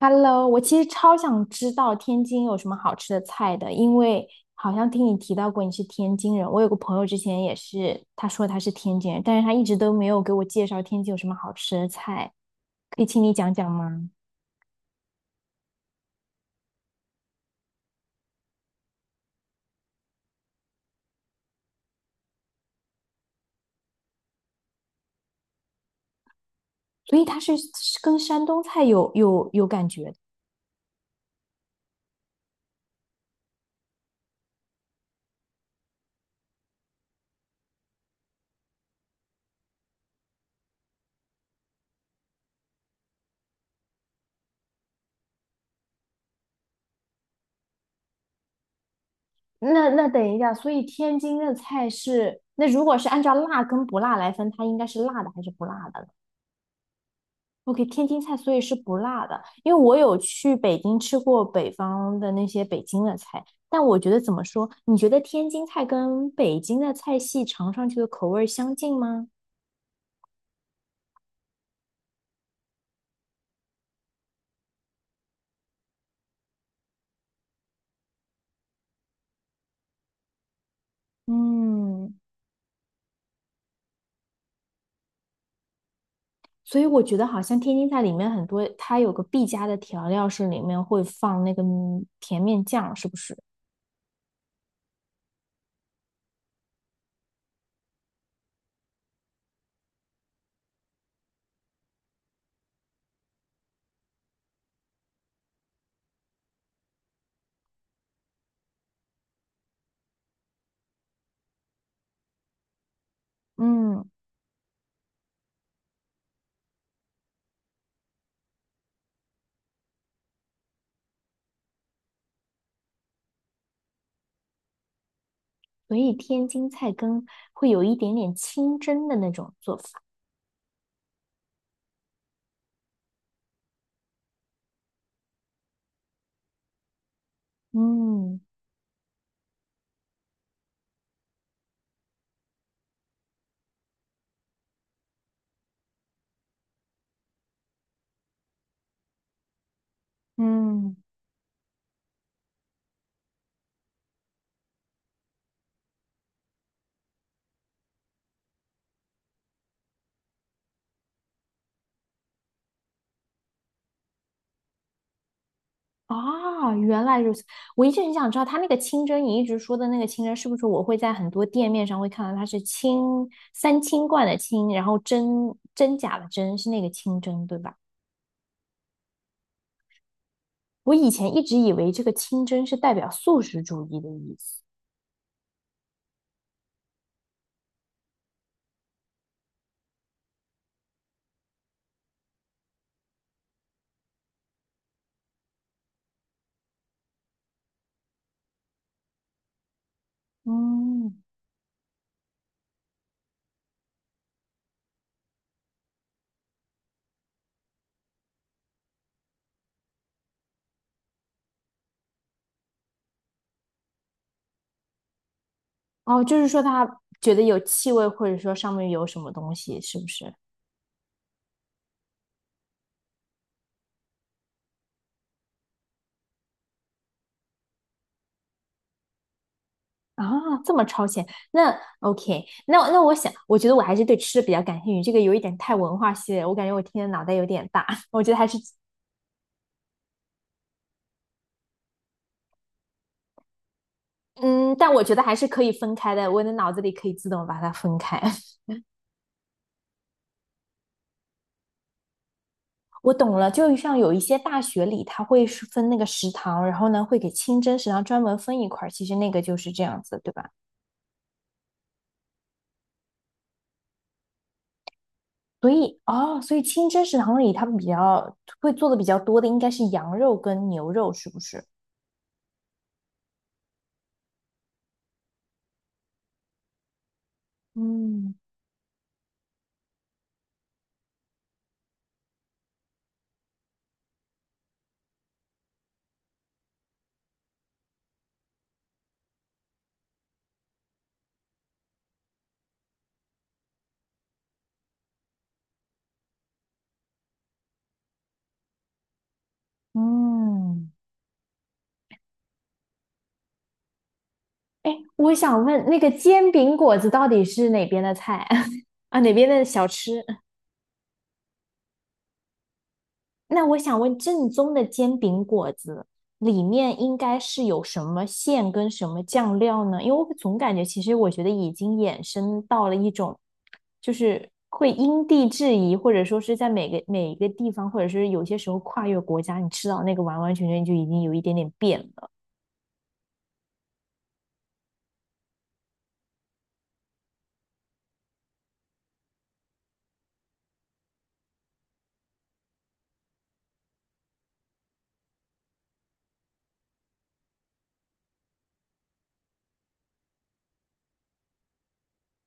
Hello，我其实超想知道天津有什么好吃的菜的，因为好像听你提到过你是天津人。我有个朋友之前也是，他说他是天津人，但是他一直都没有给我介绍天津有什么好吃的菜，可以请你讲讲吗？所以他是跟山东菜有感觉的。那等一下，所以天津的菜是，那如果是按照辣跟不辣来分，它应该是辣的还是不辣的呢？OK，天津菜所以是不辣的，因为我有去北京吃过北方的那些北京的菜，但我觉得怎么说？你觉得天津菜跟北京的菜系尝上去的口味儿相近吗？嗯，所以我觉得好像天津菜里面很多，它有个必加的调料是里面会放那个甜面酱，是不是？嗯，所以天津菜跟会有一点点清蒸的那种做法。嗯嗯。啊，原来如此！我一直很想知道，它那个清蒸，你一直说的那个清蒸，是不是我会在很多店面上会看到它是清三清罐的清，然后真假的真是那个清蒸，对吧？我以前一直以为这个清蒸是代表素食主义的意思。嗯，哦，就是说他觉得有气味，或者说上面有什么东西，是不是？啊，这么超前，那 OK，那我想，我觉得我还是对吃的比较感兴趣，这个有一点太文化系列，我感觉我听的脑袋有点大，我觉得还是，嗯，但我觉得还是可以分开的，我的脑子里可以自动把它分开。我懂了，就像有一些大学里，它会是分那个食堂，然后呢会给清真食堂专门分一块儿，其实那个就是这样子，对吧？所以哦，所以清真食堂里他们比较会做的比较多的应该是羊肉跟牛肉，是不是？嗯，嗯。哎，我想问，那个煎饼果子到底是哪边的菜 啊？哪边的小吃？那我想问，正宗的煎饼果子里面应该是有什么馅跟什么酱料呢？因为我总感觉，其实我觉得已经衍生到了一种，就是会因地制宜，或者说是在每个每一个地方，或者是有些时候跨越国家，你吃到那个完完全全就已经有一点点变了。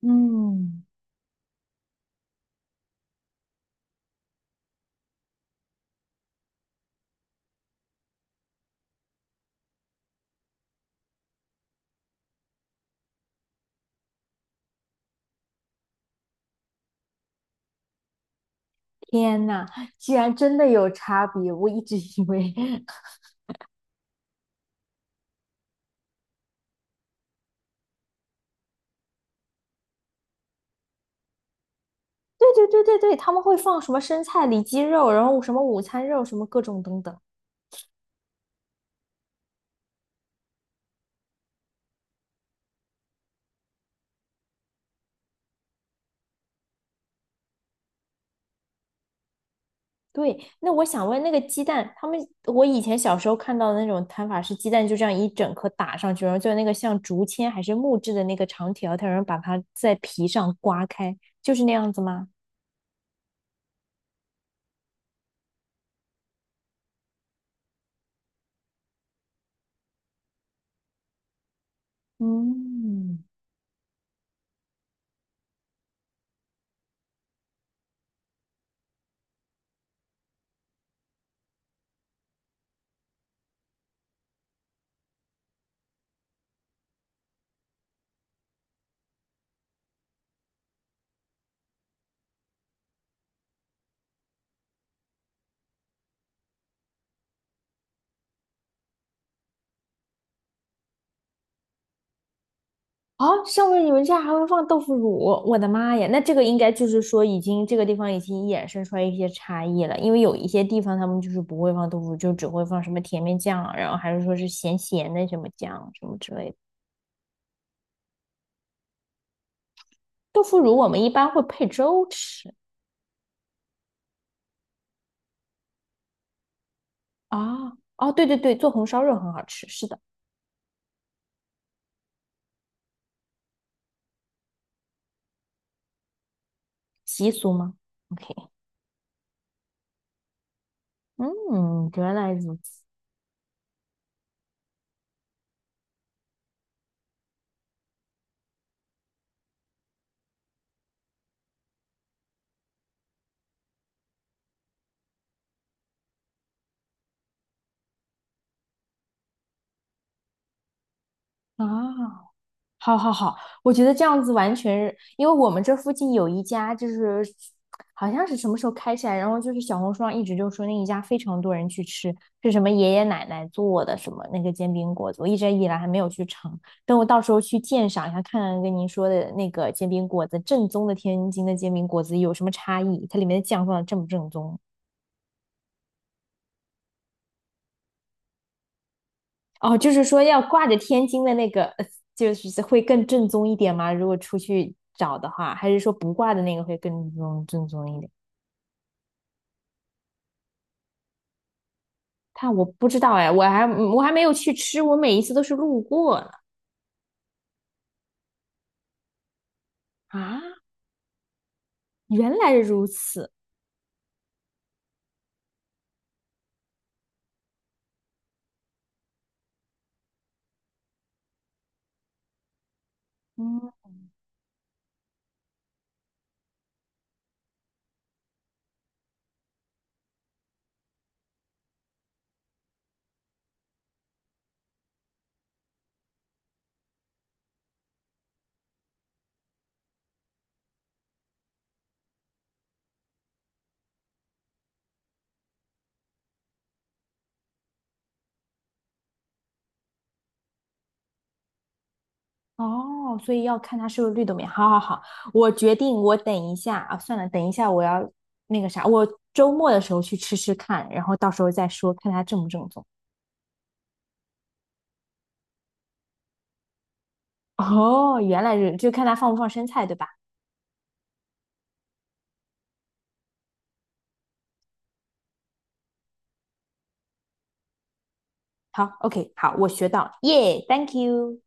嗯，天呐，居然真的有差别！我一直以为 对对对对对，他们会放什么生菜、里脊肉，然后什么午餐肉，什么各种等等。对，那我想问，那个鸡蛋，他们我以前小时候看到的那种摊法是鸡蛋就这样一整颗打上去，然后就那个像竹签还是木质的那个长条，它然后把它在皮上刮开，就是那样子吗？嗯，啊，上面你们家还会放豆腐乳，我的妈呀！那这个应该就是说，已经这个地方已经衍生出来一些差异了，因为有一些地方他们就是不会放豆腐乳，就只会放什么甜面酱，然后还是说是咸咸的什么酱什么之类的。豆腐乳我们一般会配粥吃。啊，哦，对对对，做红烧肉很好吃，是的，习俗吗？OK，嗯，原来如此啊。好好好，我觉得这样子完全是因为我们这附近有一家，就是好像是什么时候开起来，然后就是小红书上一直就说那一家非常多人去吃，是什么爷爷奶奶做的什么那个煎饼果子，我一直以来还没有去尝，等我到时候去鉴赏一下，看看跟您说的那个煎饼果子正宗的天津的煎饼果子有什么差异，它里面的酱放的正不正宗。哦，就是说要挂着天津的那个，就是会更正宗一点吗？如果出去找的话，还是说不挂的那个会更正宗一点？它我不知道哎，我还没有去吃，我每一次都是路过呢。啊，原来如此，嗯，哦，所以要看它不是绿豆面。好好好，我决定，我等一下啊，算了，等一下我要那个啥，我周末的时候去吃吃看，然后到时候再说，看它正不正宗。哦，原来是，就看它放不放生菜，对吧？好，OK，好，我学到，耶、thank you。